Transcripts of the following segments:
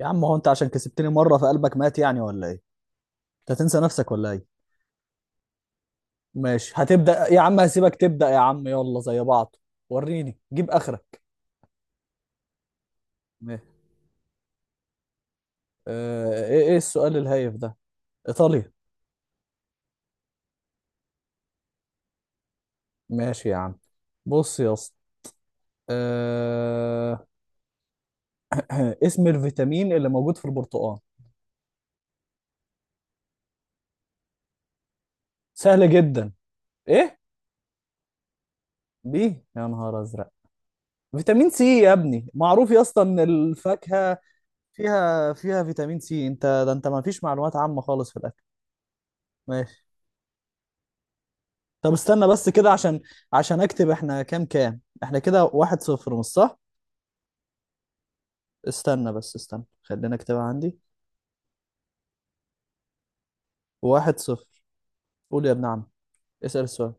يا عم، هو انت عشان كسبتني مره فقلبك مات يعني ولا ايه؟ انت هتنسى نفسك ولا ايه؟ ماشي، هتبدا يا عم، هسيبك تبدا يا عم، يلا زي بعض. وريني جيب اخرك. ماشي. آه، ايه السؤال الهايف ده؟ ايطاليا. ماشي يا عم. بص يا اسطى. آه... اسم الفيتامين اللي موجود في البرتقال؟ سهل جدا. ايه؟ بي. يا نهار ازرق! فيتامين سي يا ابني، معروف يا اسطى ان الفاكهه فيها فيتامين سي، انت ده انت ما فيش معلومات عامه خالص في الاكل. ماشي. طب استنى بس كده عشان اكتب، احنا كام احنا كده 1-0، مش صح؟ استنى بس، استنى، خلينا اكتبها عندي. 1-0. قول يا ابن عم. اسأل السؤال.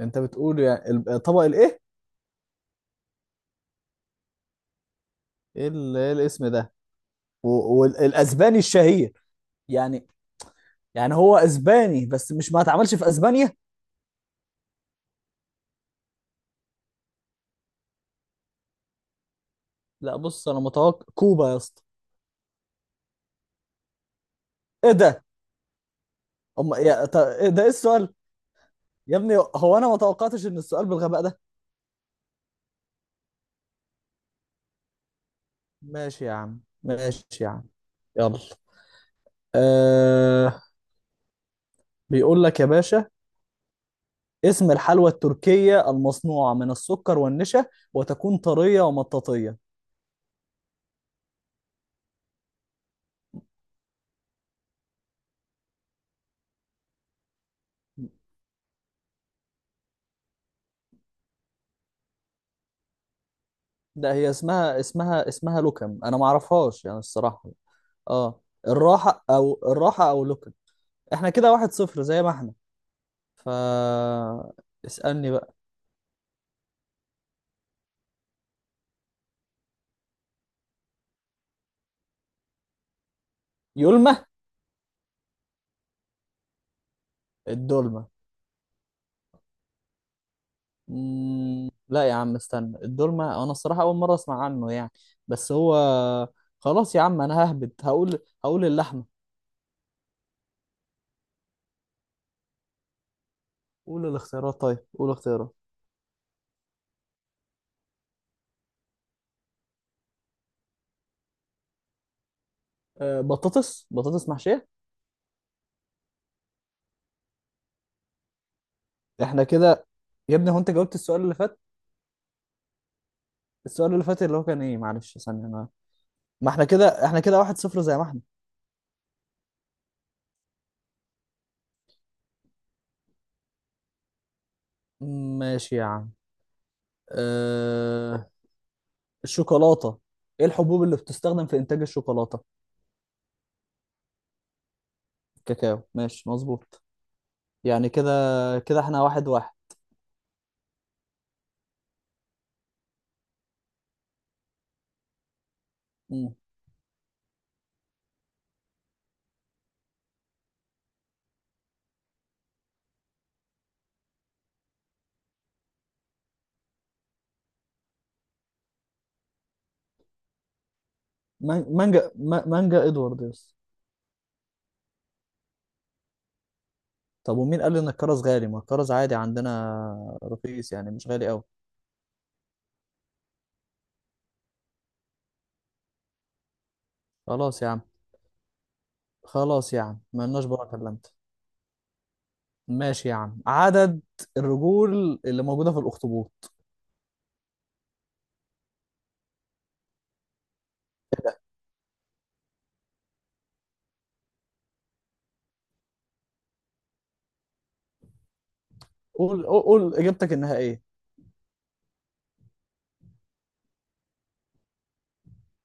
انت بتقول يعني طبق الايه؟ إيه الاسم ده؟ والاسباني الشهير يعني؟ يعني هو اسباني بس مش ما اتعملش في اسبانيا؟ لا، بص انا متوقع كوبا يا اسطى. ايه ده؟ إيه ده، ايه السؤال؟ يا ابني، هو انا ما توقعتش ان السؤال بالغباء ده. ماشي يا عم، ماشي يا عم. يلا. أه... بيقول لك يا باشا، اسم الحلوى التركية المصنوعة من السكر والنشا وتكون طرية ومطاطية؟ ده هي اسمها لوكم، انا ما اعرفهاش يعني الصراحة. اه. الراحة او لوكم. احنا كده 1-0 زي ما احنا. ف اسألني بقى. يلمة. الدولمة. لا يا عم، استنى، الدولمة انا الصراحة اول مرة اسمع عنه يعني، بس هو. خلاص يا عم، انا ههبد هقول هقول اللحمة. قول الاختيارات، طيب قول الاختيارات. آه، بطاطس محشية. احنا كده. يا ابني، هو انت جاوبت السؤال اللي فات اللي هو كان ايه، معلش، ثانية انا. ما احنا كده 1-0 زي ما احنا. ماشي يا عم. اه... الشوكولاتة، ايه الحبوب اللي بتستخدم في انتاج الشوكولاتة؟ الكاكاو، ماشي مظبوط. يعني كده، كده احنا 1-1. مم. مان- مانجا ما- مانجا ادوارد يس. طب ومين قال ان الكرز غالي؟ ما الكرز عادي عندنا، رخيص يعني، مش غالي قوي. خلاص يا عم، خلاص يا عم مالناش بقى كلمت. ماشي يا عم، عدد الرجول اللي موجودة في الأخطبوط؟ قول قول قول إجابتك النهائية.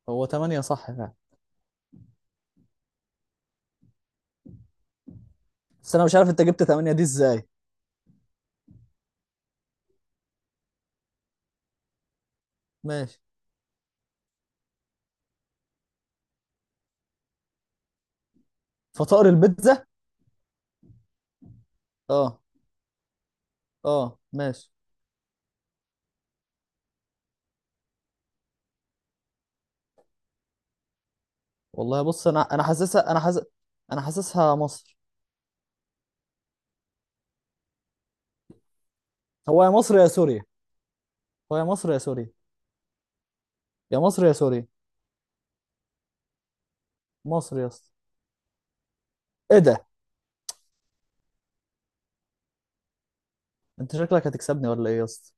هو تمانية صح فعلا. بس أنا مش عارف أنت جبت تمانية دي إزاي. ماشي. فطائر البيتزا. أه. أه، ماشي. والله بص، أنا حاسسها مصر. هو يا مصر يا سوريا، هو يا مصر يا سوريا. يا مصر يا سوريا. مصر يا اسطى. إيه ده؟ أنت شكلك هتكسبني ولا إيه يا اسطى؟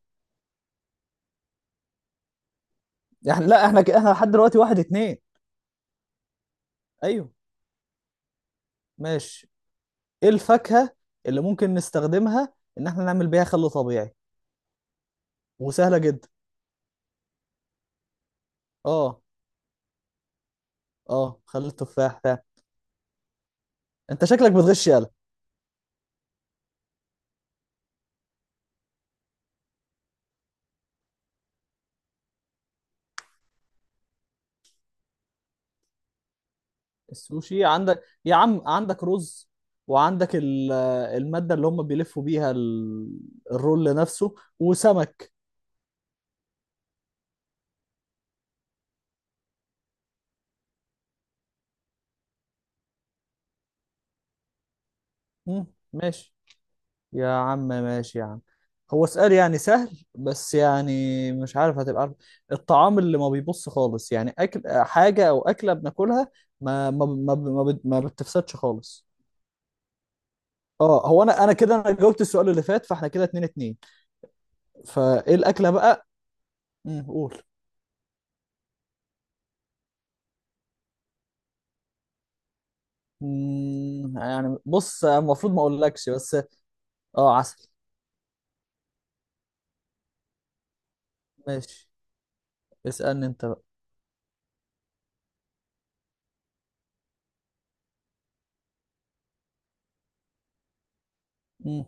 يعني لا، إحنا لحد دلوقتي 1-2. أيوه. ماشي. ايه الفاكهة اللي ممكن نستخدمها ان احنا نعمل بيها خل طبيعي، وسهلة جدا؟ اه. اه، خل التفاح فعلا. انت شكلك بتغش، يالا. السوشي عندك يا عم، عندك رز، وعندك المادة اللي هم بيلفوا بيها الرول نفسه، وسمك. مم. ماشي يا عم، ماشي يا عم. هو سؤال يعني سهل، بس يعني مش عارف هتبقى عارف. الطعام اللي ما بيبص خالص، يعني اكل حاجة او اكلة بناكلها ما بتفسدش خالص. اه، هو انا كده انا جاوبت السؤال اللي فات، فاحنا كده 2-2. فايه الاكله بقى؟ مم، قول. يعني بص المفروض ما اقولكش، بس. اه، عسل. ماشي. اسالني انت بقى. مم.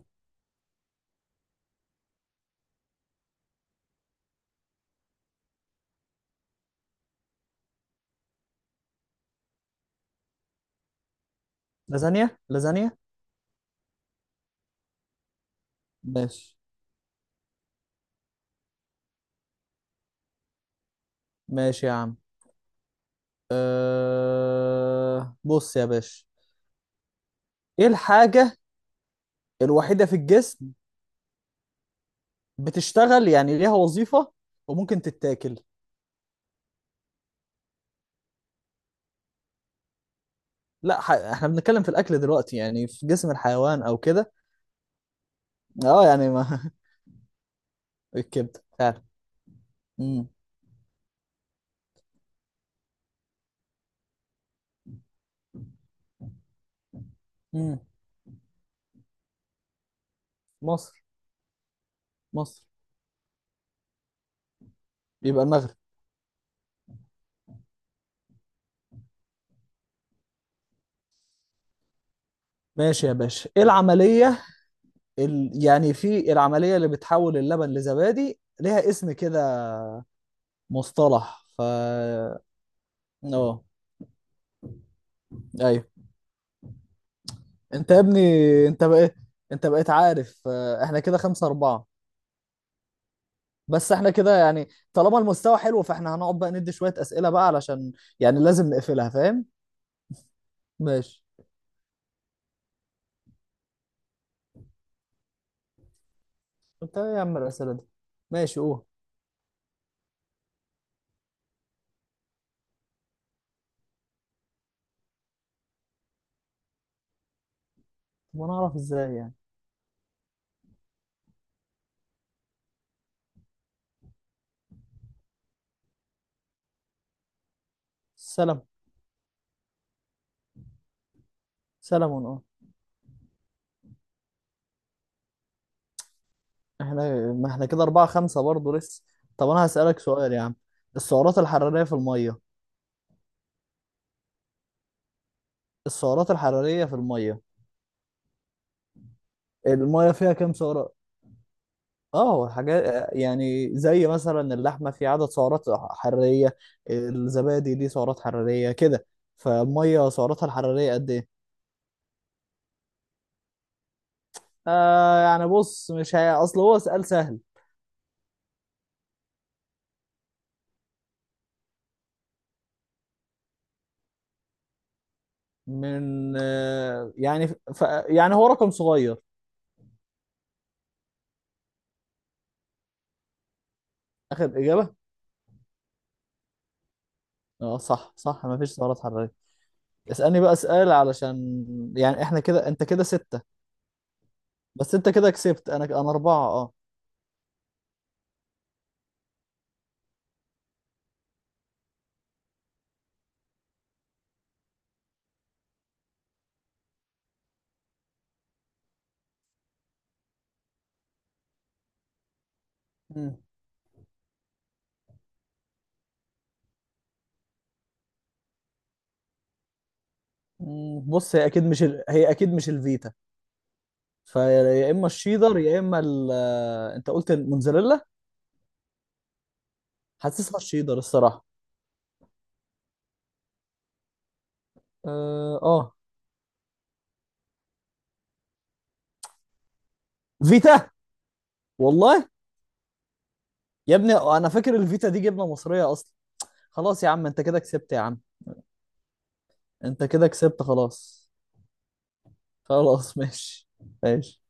لازانيا لازانيا. ماشي، ماشي يا عم. بص يا باشا، ايه الحاجه الوحيده في الجسم بتشتغل يعني ليها وظيفه وممكن تتاكل؟ لا احنا بنتكلم في الاكل دلوقتي، يعني في جسم الحيوان او كده. اه يعني ما. الكبده فعلا. مم. مم. مصر. مصر يبقى المغرب. ماشي يا باشا، ايه العملية يعني، في العملية اللي بتحول اللبن لزبادي ليها اسم كده، مصطلح ف؟ اه. ايوه. انت يا ابني، انت بقيت انت بقيت عارف، احنا كده 5-4. بس احنا كده يعني طالما المستوى حلو، فاحنا هنقعد بقى ندي شوية أسئلة بقى علشان يعني لازم نقفلها، فاهم. ماشي. انت ايه يا عم الأسئلة دي؟ ماشي، قول. وانا اعرف ازاي يعني؟ سلام، سلام. احنا، ما احنا كده 4-5 برضه لسه. طب أنا هسألك سؤال يا عم. السعرات الحرارية في المية؟ السعرات الحرارية في المية، المية فيها كام سعرة؟ اه، حاجات يعني زي مثلا اللحمة في عدد سعرات حرارية، الزبادي دي سعرات حرارية كده، فالمية سعراتها الحرارية قد ايه؟ يعني بص، مش هي اصل هو سؤال سهل. من يعني، يعني هو رقم صغير. اخر إجابة؟ اه، صح صح، مفيش سعرات حرارية. اسألني بقى سؤال علشان يعني احنا كده، انت كده ستة. بس انت كده كسبت، انا اربعة، اه. مم. مم، بص هي اكيد مش الفيتا. فيا اما الشيدر يا اما ال... آه، انت قلت الموتزاريلا. حاسسها الشيدر الصراحه. اه، آه. فيتا. والله. يا ابني، انا فاكر الفيتا دي جبنه مصريه اصلا. خلاص يا عم، انت كده كسبت يا عم. انت كده كسبت، خلاص. خلاص، ماشي، ماشي.